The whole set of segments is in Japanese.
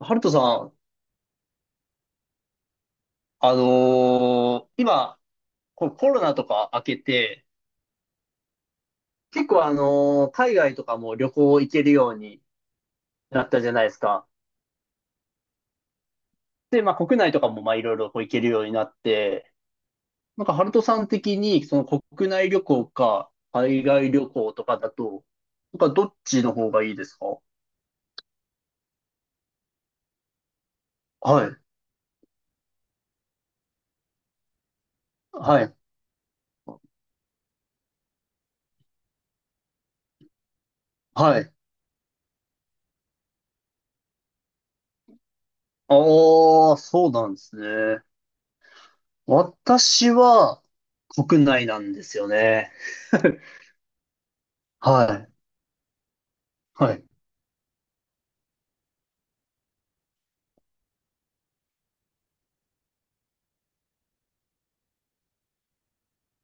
ハルトさん、今、このコロナとか明けて、結構海外とかも旅行行けるようになったじゃないですか。で、まあ国内とかもまあいろいろこう行けるようになって、なんかハルトさん的にその国内旅行か海外旅行とかだと、なんかどっちの方がいいですか？はい。はい。はい。ああ、そうなんですね。私は国内なんですよね。はい。はい。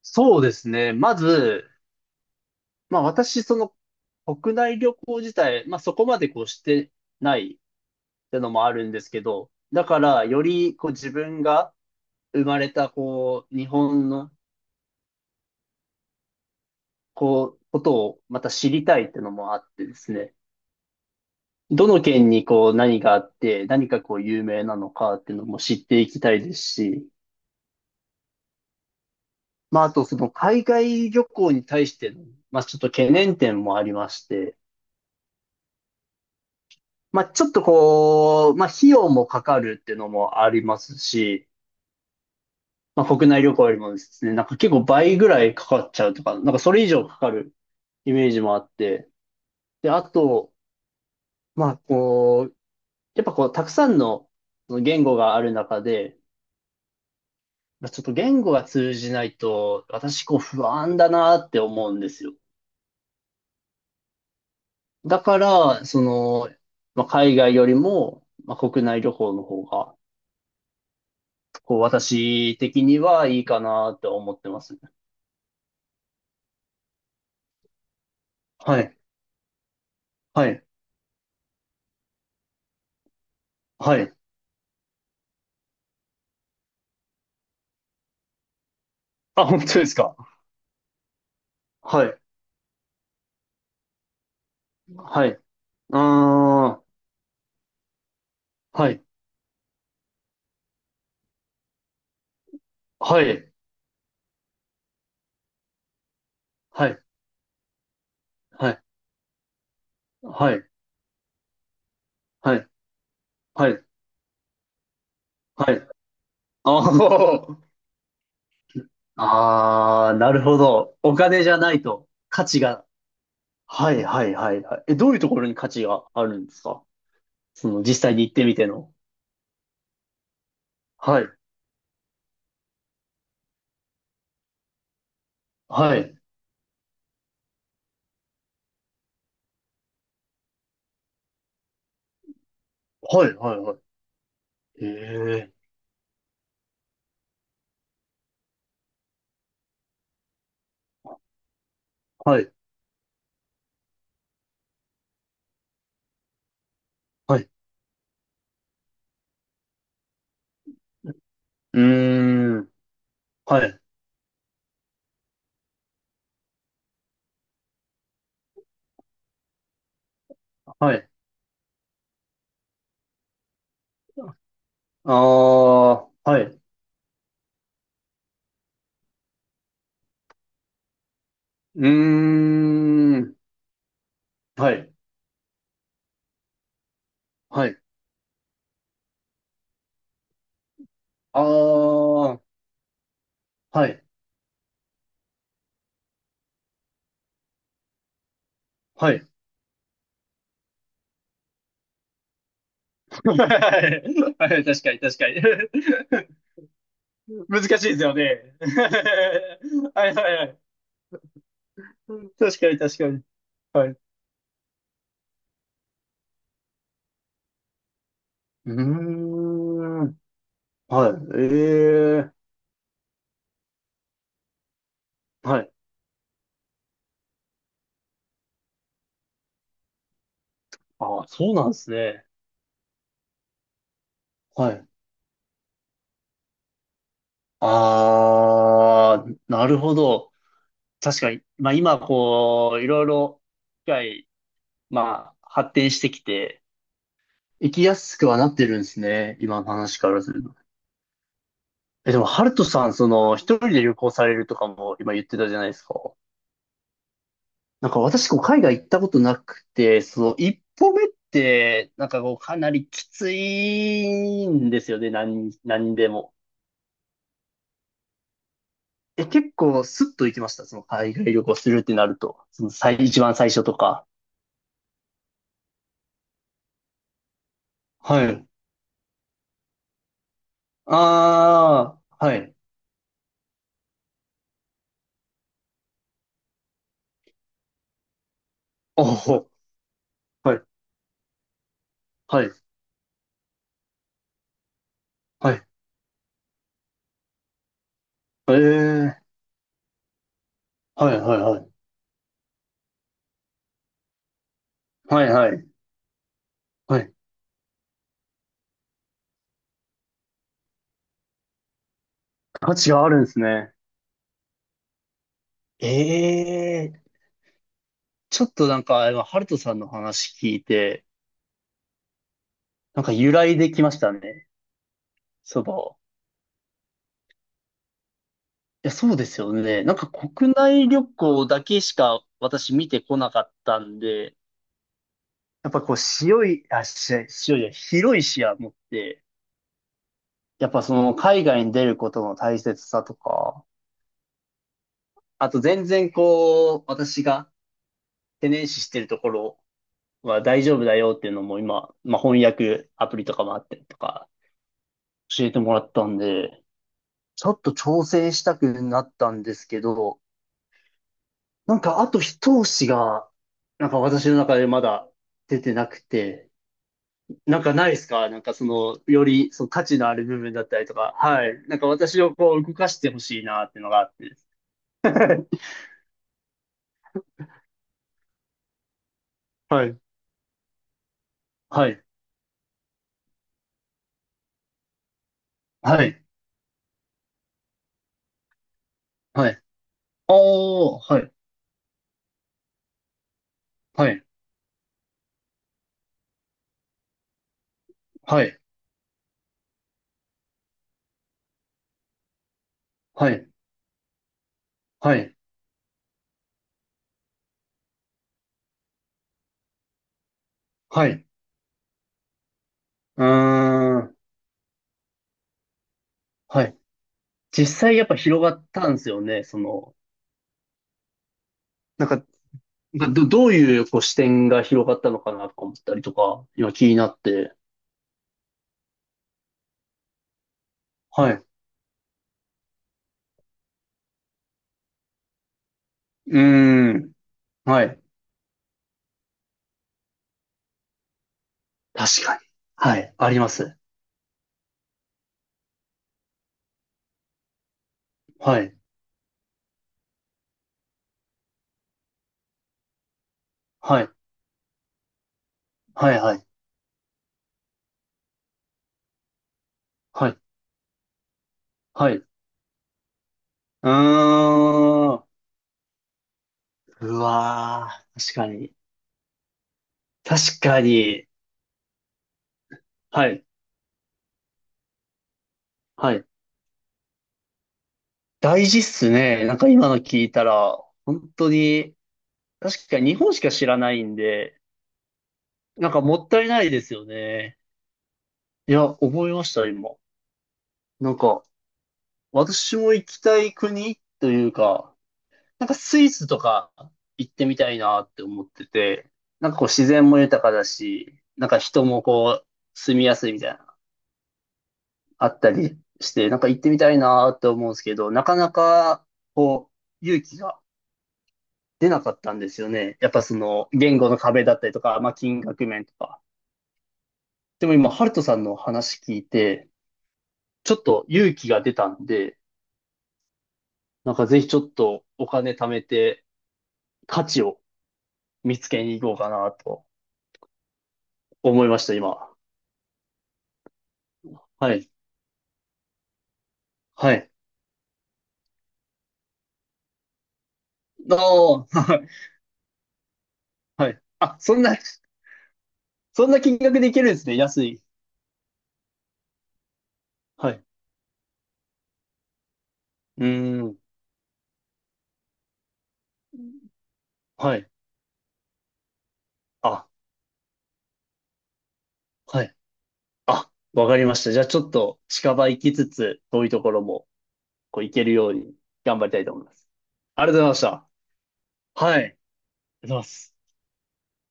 そうですね。まず、まあ私、その国内旅行自体、まあそこまでこうしてないってのもあるんですけど、だからよりこう自分が生まれたこう日本のこうことをまた知りたいってのもあってですね、どの県にこう何があって何かこう有名なのかっていうのも知っていきたいですし、まああとその海外旅行に対しての、まあちょっと懸念点もありまして、まあ、ちょっとこう、まあ、費用もかかるっていうのもありますし、まあ、国内旅行よりもですね、なんか結構倍ぐらいかかっちゃうとか、なんかそれ以上かかるイメージもあって、で、あと、まあ、こう、やっぱこう、たくさんのその言語がある中で、まあちょっと言語が通じないと、私こう不安だなって思うんですよ。だから、その、まあ、海外よりも、まあ、国内旅行の方が、こう、私的にはいいかなって思ってます。はい。はい。はい。あ、本当ですか？はい。はい。あー。はい。はい。はい。はい。はい。はい。はい。はい。あー。あー、なるほど。お金じゃないと価値が。はい。はい。はい。はいえ、どういうところに価値があるんですか？その実際に行ってみての。はい。はい。はい。はい。はい。ええ。はい。はい。うーん。はい。はい。ああ、はい。うーん。はい。はい。ああ。はい。はい。はい。確かに、確かに。難しいですよね。はいはいはい。確かに、確かに。はい。うーん。はい。ええ。はい。ああ、そうなんですね。はい。ああ、なるほど。確かに。まあ今、こう、いろいろ、機械、まあ、発展してきて、行きやすくはなってるんですね。今の話からすると。え、でも、ハルトさん、その、一人で旅行されるとかも今言ってたじゃないですか。なんか私、こう、海外行ったことなくて、その、一歩目って、なんかこう、かなりきついんですよね。何、何でも。え、結構、スッと行きました？その、海外旅行するってなると。その、最、一番最初とか。はい。ああ、はい。おお、はい、はい、はい。ええ、はい、はい、はい。はい、はい。はい、価値があるんですね。ええ、ちょっとなんか、今、ハルトさんの話聞いて、なんか由来できましたね。そばを。いや、そうですよね。なんか国内旅行だけしか私見てこなかったんで、やっぱこう、広い、あ、し広いじゃない、広い視野持って、やっぱその海外に出ることの大切さとか、あと全然こう、私が懸念視してるところは大丈夫だよっていうのも今、まあ翻訳アプリとかもあったりとか、教えてもらったんで、ちょっと挑戦したくなったんですけど、なんかあと一押しが、なんか私の中でまだ出てなくて、なんかないですか？なんかその、よりその価値のある部分だったりとか、はい。なんか私をこう動かしてほしいなっていうのがあって。はい。はい。はい。はい。おー、はい。はい。はい。はい。はい。はい。うーん。はい。実際やっぱ広がったんですよね。その、なんかがど、どういうこう視点が広がったのかなとか思ったりとか、今気になって。はい。うーん。はい。確かに。はい。あります。はい。はい。はい。はい。はい。はい。うーん。うわー。確かに。確かに。はい。はい。大事っすね。なんか今の聞いたら、本当に、確かに日本しか知らないんで、なんかもったいないですよね。いや、覚えました、今。なんか、私も行きたい国というか、なんかスイスとか行ってみたいなって思ってて、なんかこう自然も豊かだし、なんか人もこう住みやすいみたいな、あったりして、なんか行ってみたいなって思うんですけど、なかなかこう勇気が出なかったんですよね。やっぱその言語の壁だったりとか、まあ金額面とか。でも今、ハルトさんの話聞いて、ちょっと勇気が出たんで、なんかぜひちょっとお金貯めて価値を見つけに行こうかなと思いました、今。はい。はい。おーはい。はいあ、そんな、そんな金額でいけるんですね。安い。はい。うーん。はい。あ、はい。あ、わかりました。じゃあちょっと近場行きつつ、遠いところもこう行けるように頑張りたいと思います。ありがとうございました。はい。ありがとうございます。